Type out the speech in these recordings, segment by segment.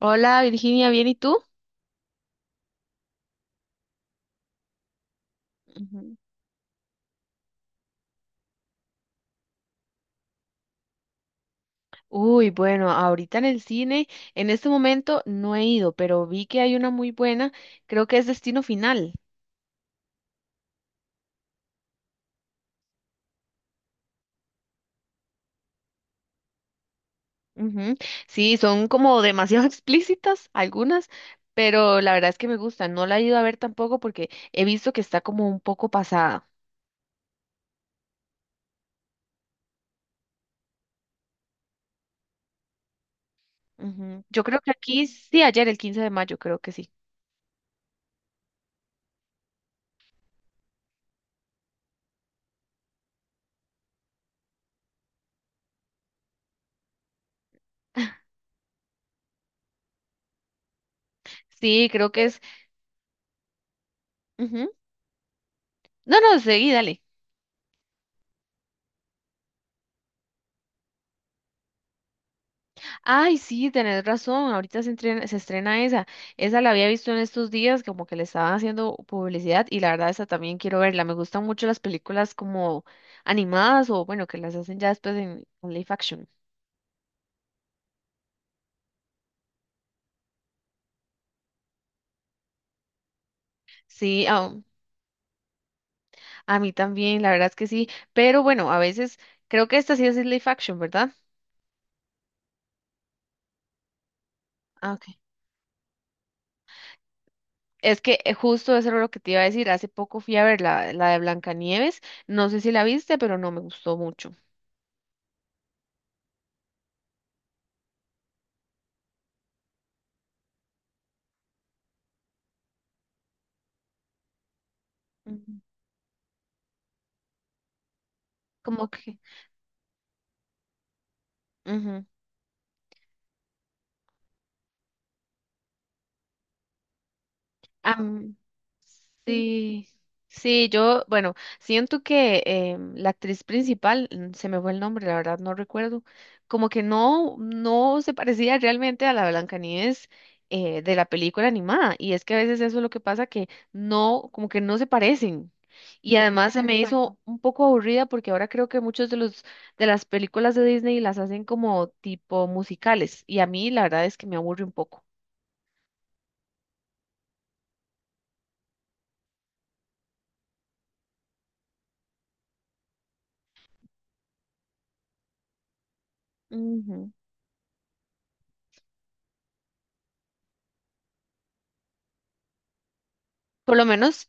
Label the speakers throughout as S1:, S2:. S1: Hola Virginia, ¿bien y tú? Ujú. Uy, bueno, ahorita en el cine, en este momento no he ido, pero vi que hay una muy buena, creo que es Destino Final. Ujú. Sí, son como demasiado explícitas algunas, pero la verdad es que me gustan. No la he ido a ver tampoco porque he visto que está como un poco pasada. Ujú. Yo creo que aquí, sí, ayer, el 15 de mayo, creo que sí. Sí, creo que es... ujú. No, no, seguí, dale. Ay, sí, tenés razón. Ahorita se estrena esa. Esa la había visto en estos días, como que le estaban haciendo publicidad y la verdad esa también quiero verla. Me gustan mucho las películas como animadas o bueno, que las hacen ya después en live action. Sí, a mí también, la verdad es que sí. Pero bueno, a veces creo que esta sí es live action, ¿verdad? Ah, ok. Es que justo eso era lo que te iba a decir. Hace poco fui a ver la de Blancanieves. No sé si la viste, pero no me gustó mucho. Ujú. Como que... ujú. Sí, sí, yo, bueno, siento que la actriz principal, mm, se me fue el nombre, la verdad no recuerdo, como que no, no se parecía realmente a la Blancanieves de la película animada, y es que a veces eso es lo que pasa, que no, como que no se parecen, y además se me Exacto. hizo un poco aburrida porque ahora creo que muchos de los, de las películas de Disney las hacen como tipo musicales, y a mí la verdad es que me aburre un poco, Ujú. Por lo menos,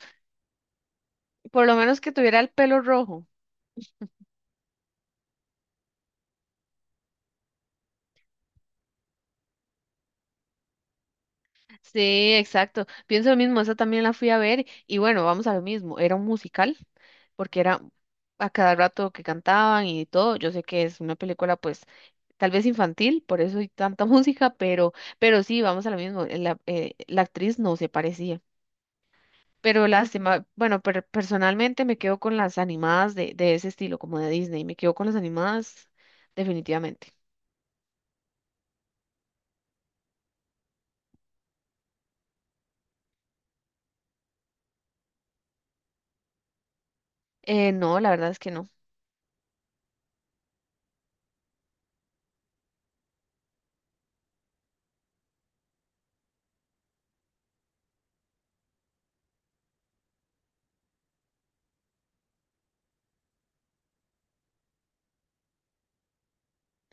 S1: por lo menos que tuviera el pelo rojo. Sí, exacto. Pienso lo mismo, esa también la fui a ver y bueno, vamos a lo mismo, era un musical, porque era a cada rato que cantaban y todo. Yo sé que es una película pues tal vez infantil, por eso hay tanta música, pero sí, vamos a lo mismo, la actriz no se parecía. Pero lástima, bueno, personalmente me quedo con las animadas de ese estilo, como de Disney, me quedo con las animadas definitivamente. No, la verdad es que no.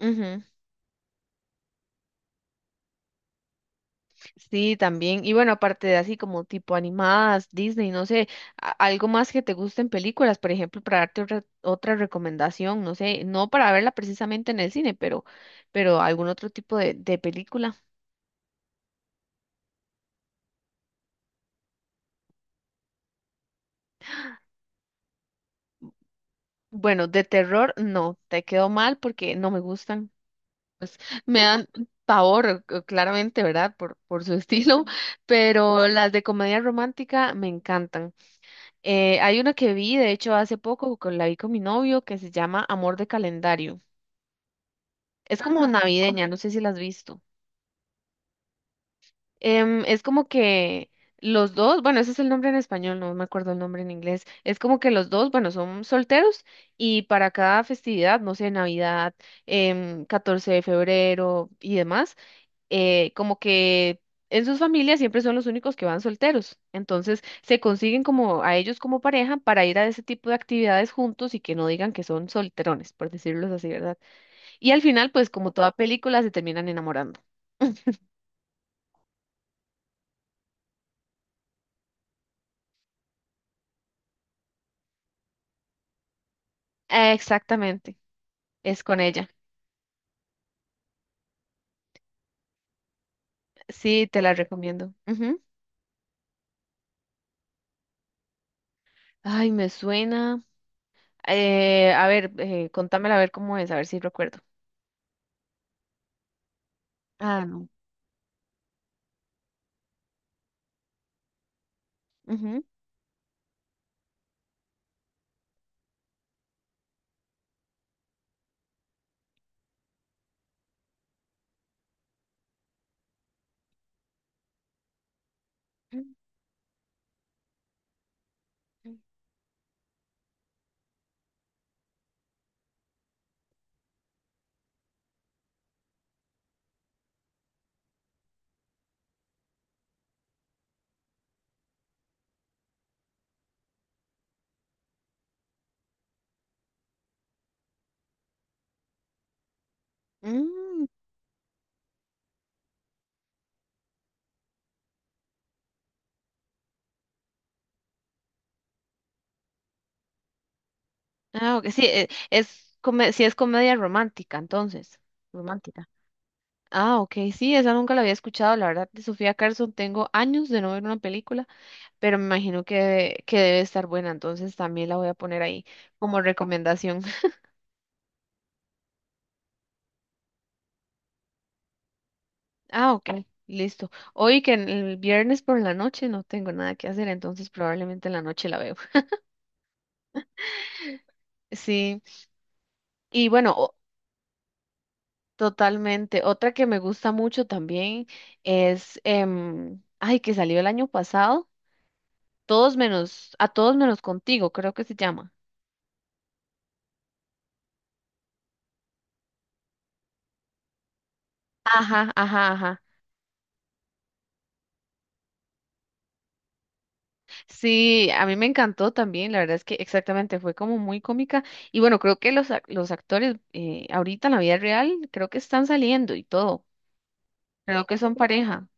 S1: Ujú. Sí, también. Y bueno, aparte de así como tipo animadas, Disney, no sé, algo más que te gusten películas, por ejemplo, para darte otra recomendación, no sé, no para verla precisamente en el cine, pero algún otro tipo de película. Bueno, de terror, no, te quedó mal porque no me gustan. Me dan pavor, claramente, ¿verdad? Por su estilo, pero las de comedia romántica me encantan. Hay una que vi, de hecho, hace poco, con, la vi con mi novio, que se llama Amor de Calendario. Es como navideña, no sé si la has visto. Em, es como que los dos, bueno, ese es el nombre en español, no me acuerdo el nombre en inglés. Es como que los dos, bueno, son solteros y para cada festividad, no sé, Navidad, 14 de febrero y demás, como que en sus familias siempre son los únicos que van solteros. Entonces se consiguen como a ellos como pareja para ir a ese tipo de actividades juntos y que no digan que son solterones, por decirlo así, ¿verdad? Y al final, pues como toda película, se terminan enamorando. Exactamente, es con ella. Sí, te la recomiendo. Ujú. Ay, me suena. A ver, contámela a ver cómo es, a ver si recuerdo. Ah, no. Ujú. Mm, Ah, ok, sí, sí es comedia romántica, entonces. Romántica. Ah, ok, sí, esa nunca la había escuchado, la verdad, de Sofía Carson tengo años de no ver una película, pero me imagino que debe estar buena, entonces también la voy a poner ahí como recomendación. Ah, ok, listo. Hoy el viernes por la noche no tengo nada que hacer, entonces probablemente en la noche la veo. Sí, y bueno, o- totalmente. Otra que me gusta mucho también es, ay, que salió el año pasado, a todos menos contigo, creo que se llama. Ajá, ajá, ajá. Sí, a mí me encantó también, la verdad es que exactamente fue como muy cómica. Y bueno, creo que los, los actores ahorita en la vida real creo que están saliendo y todo. Creo que son pareja.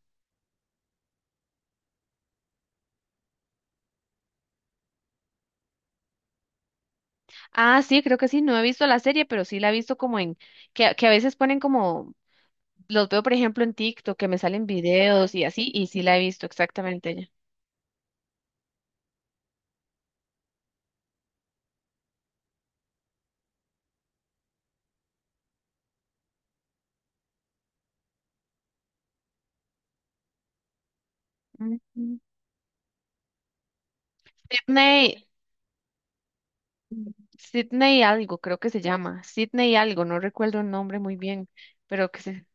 S1: Ah, sí, creo que sí, no he visto la serie, pero sí la he visto como en, que a veces ponen como, los veo por ejemplo en TikTok, que me salen videos y así, y sí la he visto exactamente ella. Ujú. Sydney, Sydney algo, creo que se llama, Sydney algo, no recuerdo el nombre muy bien, pero que se...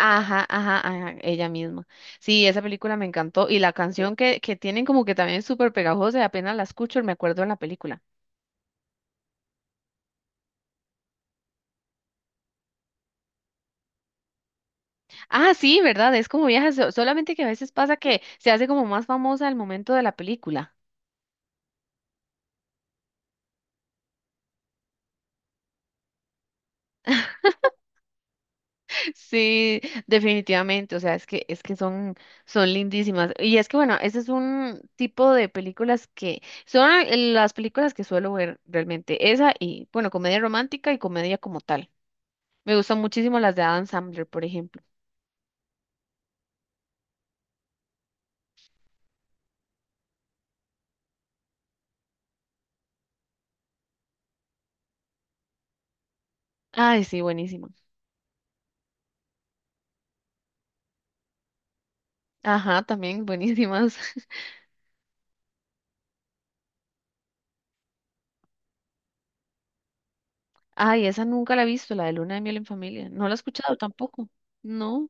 S1: Ajá, ajá, ajá, ella misma. Sí, esa película me encantó y la canción que tienen como que también es súper pegajosa, y apenas la escucho, me acuerdo de la película. Ah, sí, ¿verdad? Es como viejas, solamente que a veces pasa que se hace como más famosa al momento de la película. Sí, definitivamente, o sea, es que son son lindísimas. Y es que bueno, ese es un tipo de películas que son las películas que suelo ver realmente, esa y bueno, comedia romántica y comedia como tal. Me gustan muchísimo las de Adam Sandler, por ejemplo. Ay, sí, buenísima. Ajá, también buenísimas. Ay, esa nunca la he visto, la de Luna de miel en familia. No la he escuchado tampoco. No.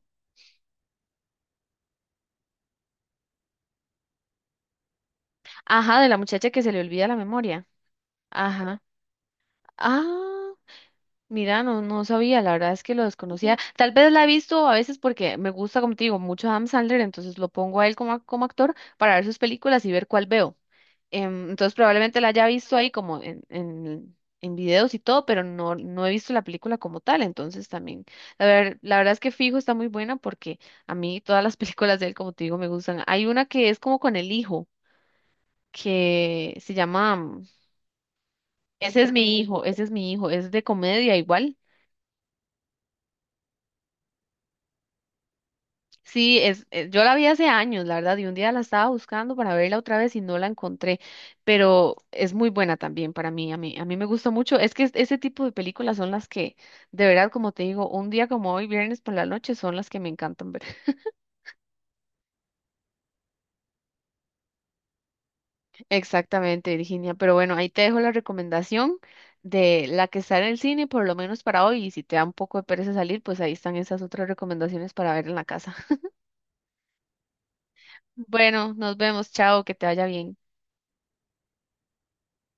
S1: Ajá, de la muchacha que se le olvida la memoria. Ajá. Ah, mira, no, no sabía, la verdad es que lo desconocía. Tal vez la he visto a veces porque me gusta, como te digo, mucho Adam Sandler, entonces lo pongo a él como, como actor para ver sus películas y ver cuál veo. Entonces probablemente la haya visto ahí como en videos y todo, pero no, no he visto la película como tal, entonces también, la verdad es que Fijo está muy buena porque a mí todas las películas de él, como te digo, me gustan. Hay una que es como con el hijo, que se llama... Ese es mi hijo, ese es mi hijo, es de comedia igual. Sí, es, yo la vi hace años, la verdad, y un día la estaba buscando para verla otra vez y no la encontré, pero es muy buena también para mí, a mí me gusta mucho. Es que ese tipo de películas son las que, de verdad, como te digo, un día como hoy, viernes por la noche, son las que me encantan ver. Exactamente, Virginia, pero bueno, ahí te dejo la recomendación de la que está en el cine, por lo menos para hoy, y si te da un poco de pereza salir, pues ahí están esas otras recomendaciones para ver en la casa. Bueno, nos vemos, chao, que te vaya bien.